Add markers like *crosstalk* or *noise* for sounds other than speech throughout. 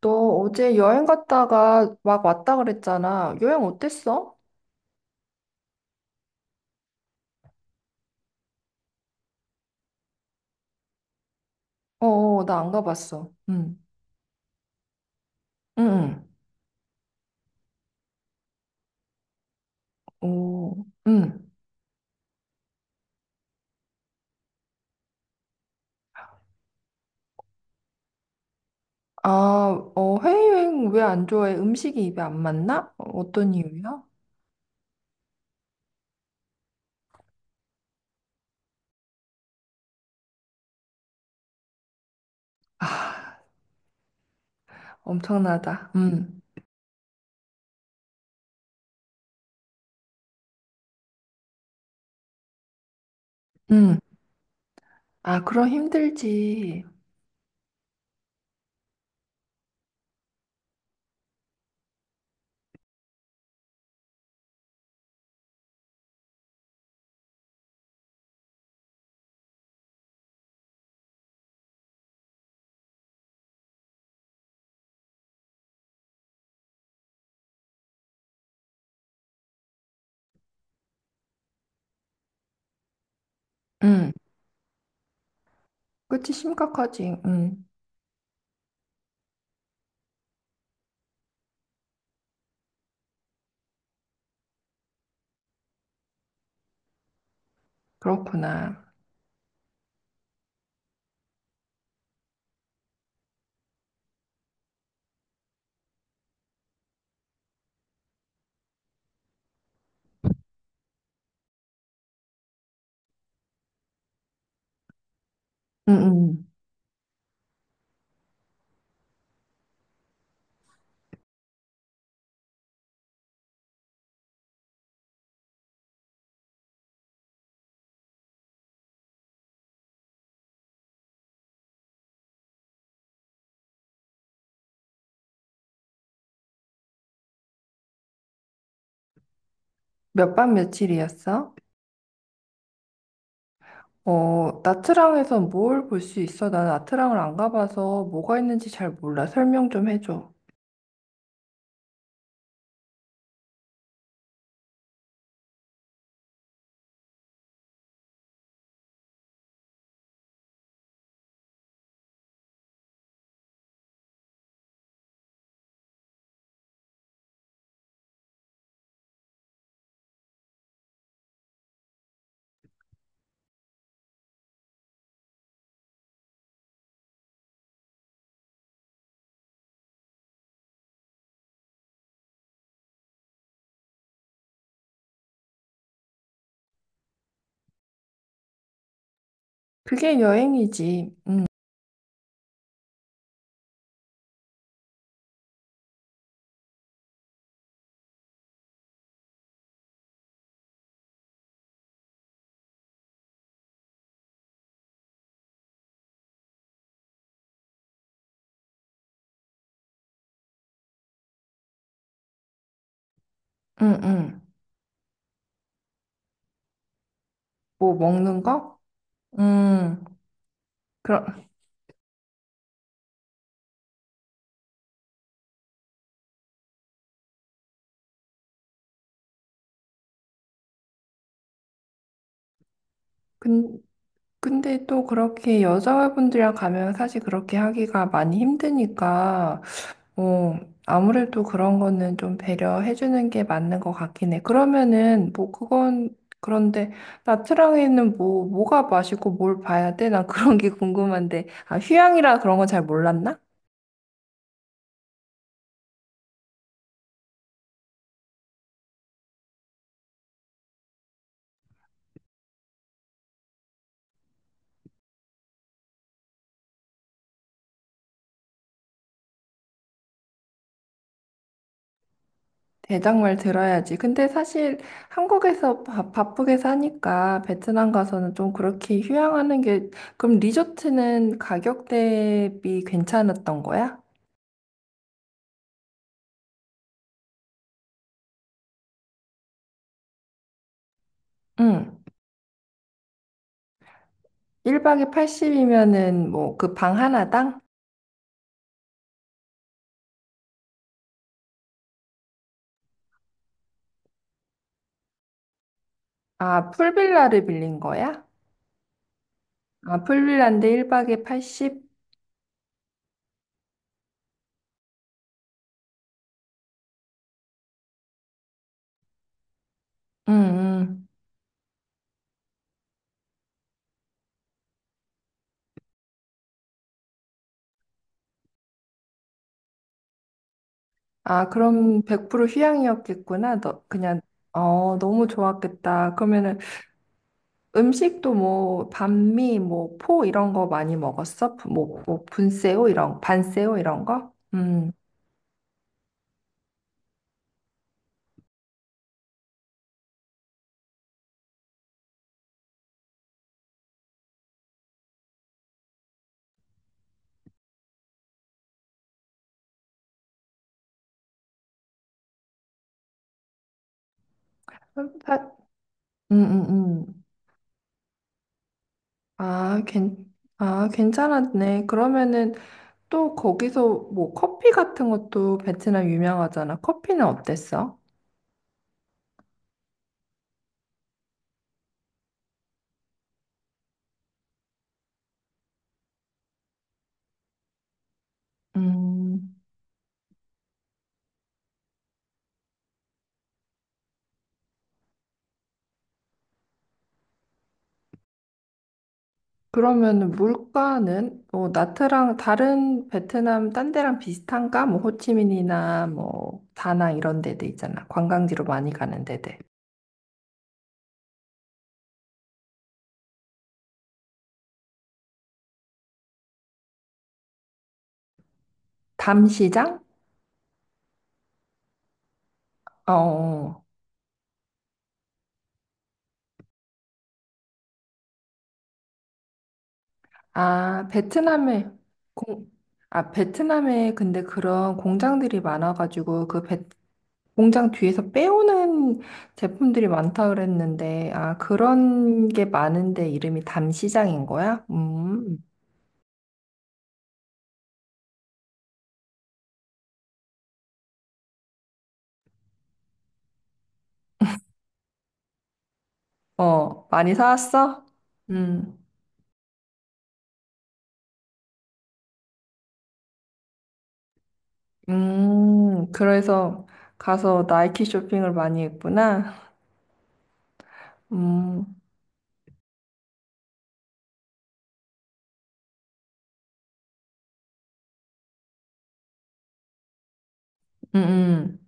너 어제 여행 갔다가 막 왔다 그랬잖아. 여행 어땠어? 나 안 가봤어. 응, 응, 응. 오, 응. 아, 해외여행 왜 안 좋아해? 음식이 입에 안 맞나? 어떤 이유야? 아, 엄청나다. 응, 응. 아, 그럼 힘들지. 응, 그치, 심각하지. 응, 그렇구나. 응, 응. 몇 박 며칠이었어? 나트랑에선 뭘 볼 수 있어? 나는 나트랑을 안 가봐서 뭐가 있는지 잘 몰라. 설명 좀 해줘. 그게 여행이지. 응, 응. 뭐 먹는 거? 음. 그럼, 근, 근데 또 그렇게 여자분들이랑 가면 사실 그렇게 하기가 많이 힘드니까 어, 아무래도 그런 거는 좀 배려해주는 게 맞는 것 같긴 해. 그러면은, 뭐, 그건, 그런데, 나트랑에는 뭐, 뭐가 맛있고 뭘 봐야 돼? 난 그런 게 *laughs* 궁금한데. 아, 휴양이라 그런 건 잘 몰랐나? 대장말 들어야지. 근데 사실 한국에서 바쁘게 사니까 베트남 가서는 좀 그렇게 휴양하는 게, 그럼 리조트는 가격 대비 괜찮았던 거야? 응. 1박에 80이면은 뭐, 그 방 하나당? 아, 풀빌라를 빌린 거야? 아, 풀빌라인데 1박에 80? 응, 응. 아, 그럼 100% 휴양이었겠구나. 너, 그냥, 너무 좋았겠다. 그러면은 음식도 뭐, 반미, 뭐, 포 이런 거 많이 먹었어? 뭐, 분세오 이런, 반세오 이런 거? 음. 음, 파- 음, 음. 음. 아, 괜찮았네. 그러면은 또 거기서 뭐, 커피 같은 것도 베트남 유명하잖아. 커피는 어땠어? 음. 그러면 물가는 뭐 나트랑 다른 베트남 딴 데랑 비슷한가? 뭐 호치민이나 뭐 다낭 이런 데들 있잖아. 관광지로 많이 가는 데들. 담시장? 어. 어. 어. 아, 베트남에 공, 아, 베트남에 근데 그런 공장들이 많아가지고 공장 뒤에서 빼오는 제품들이 많다 그랬는데 아, 그런 게 많은데 이름이 담시장인 거야? 음. 어, 많이 사왔어? 음. 그래서 가서 나이키 쇼핑을 많이 했구나. 음, 음. 음.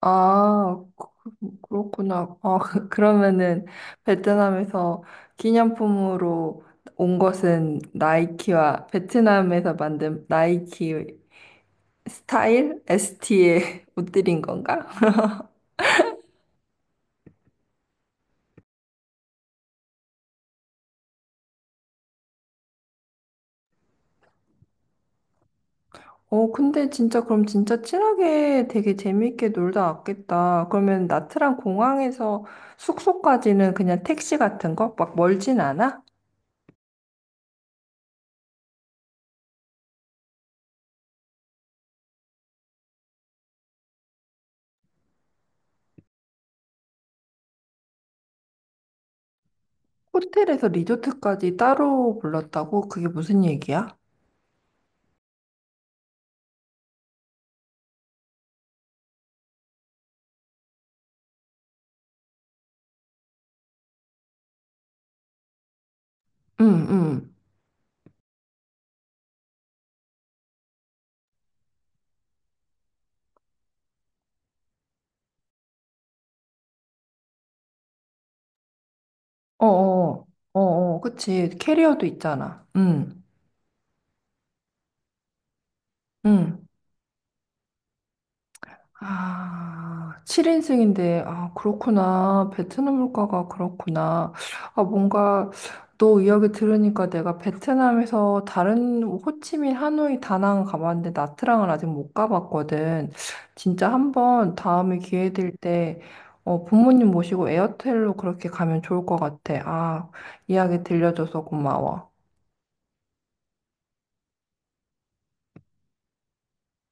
아, 그렇구나. 아, *laughs* 그러면은 베트남에서 기념품으로 온 것은 나이키와 베트남에서 만든 나이키 스타일? ST의 *laughs* 옷들인 건가? 근데 진짜 그럼 진짜 친하게 되게 재밌게 놀다 왔겠다. 그러면 나트랑 공항에서 숙소까지는 그냥 택시 같은 거? 막 멀진 않아? 호텔에서 리조트까지 따로 불렀다고? 그게 무슨 얘기야? 응, 응. 어어, 어어, 그치. 캐리어도 있잖아. 응, 응. 아, 7인승인데, 아, 그렇구나. 베트남 물가가 그렇구나. 아, 뭔가, 너 이야기 들으니까 내가 베트남에서 다른 호치민, 하노이, 다낭 가봤는데 나트랑은 아직 못 가봤거든. 진짜 한번 다음에 기회 될 때, 부모님 모시고 에어텔로 그렇게 가면 좋을 것 같아. 아, 이야기 들려줘서 고마워.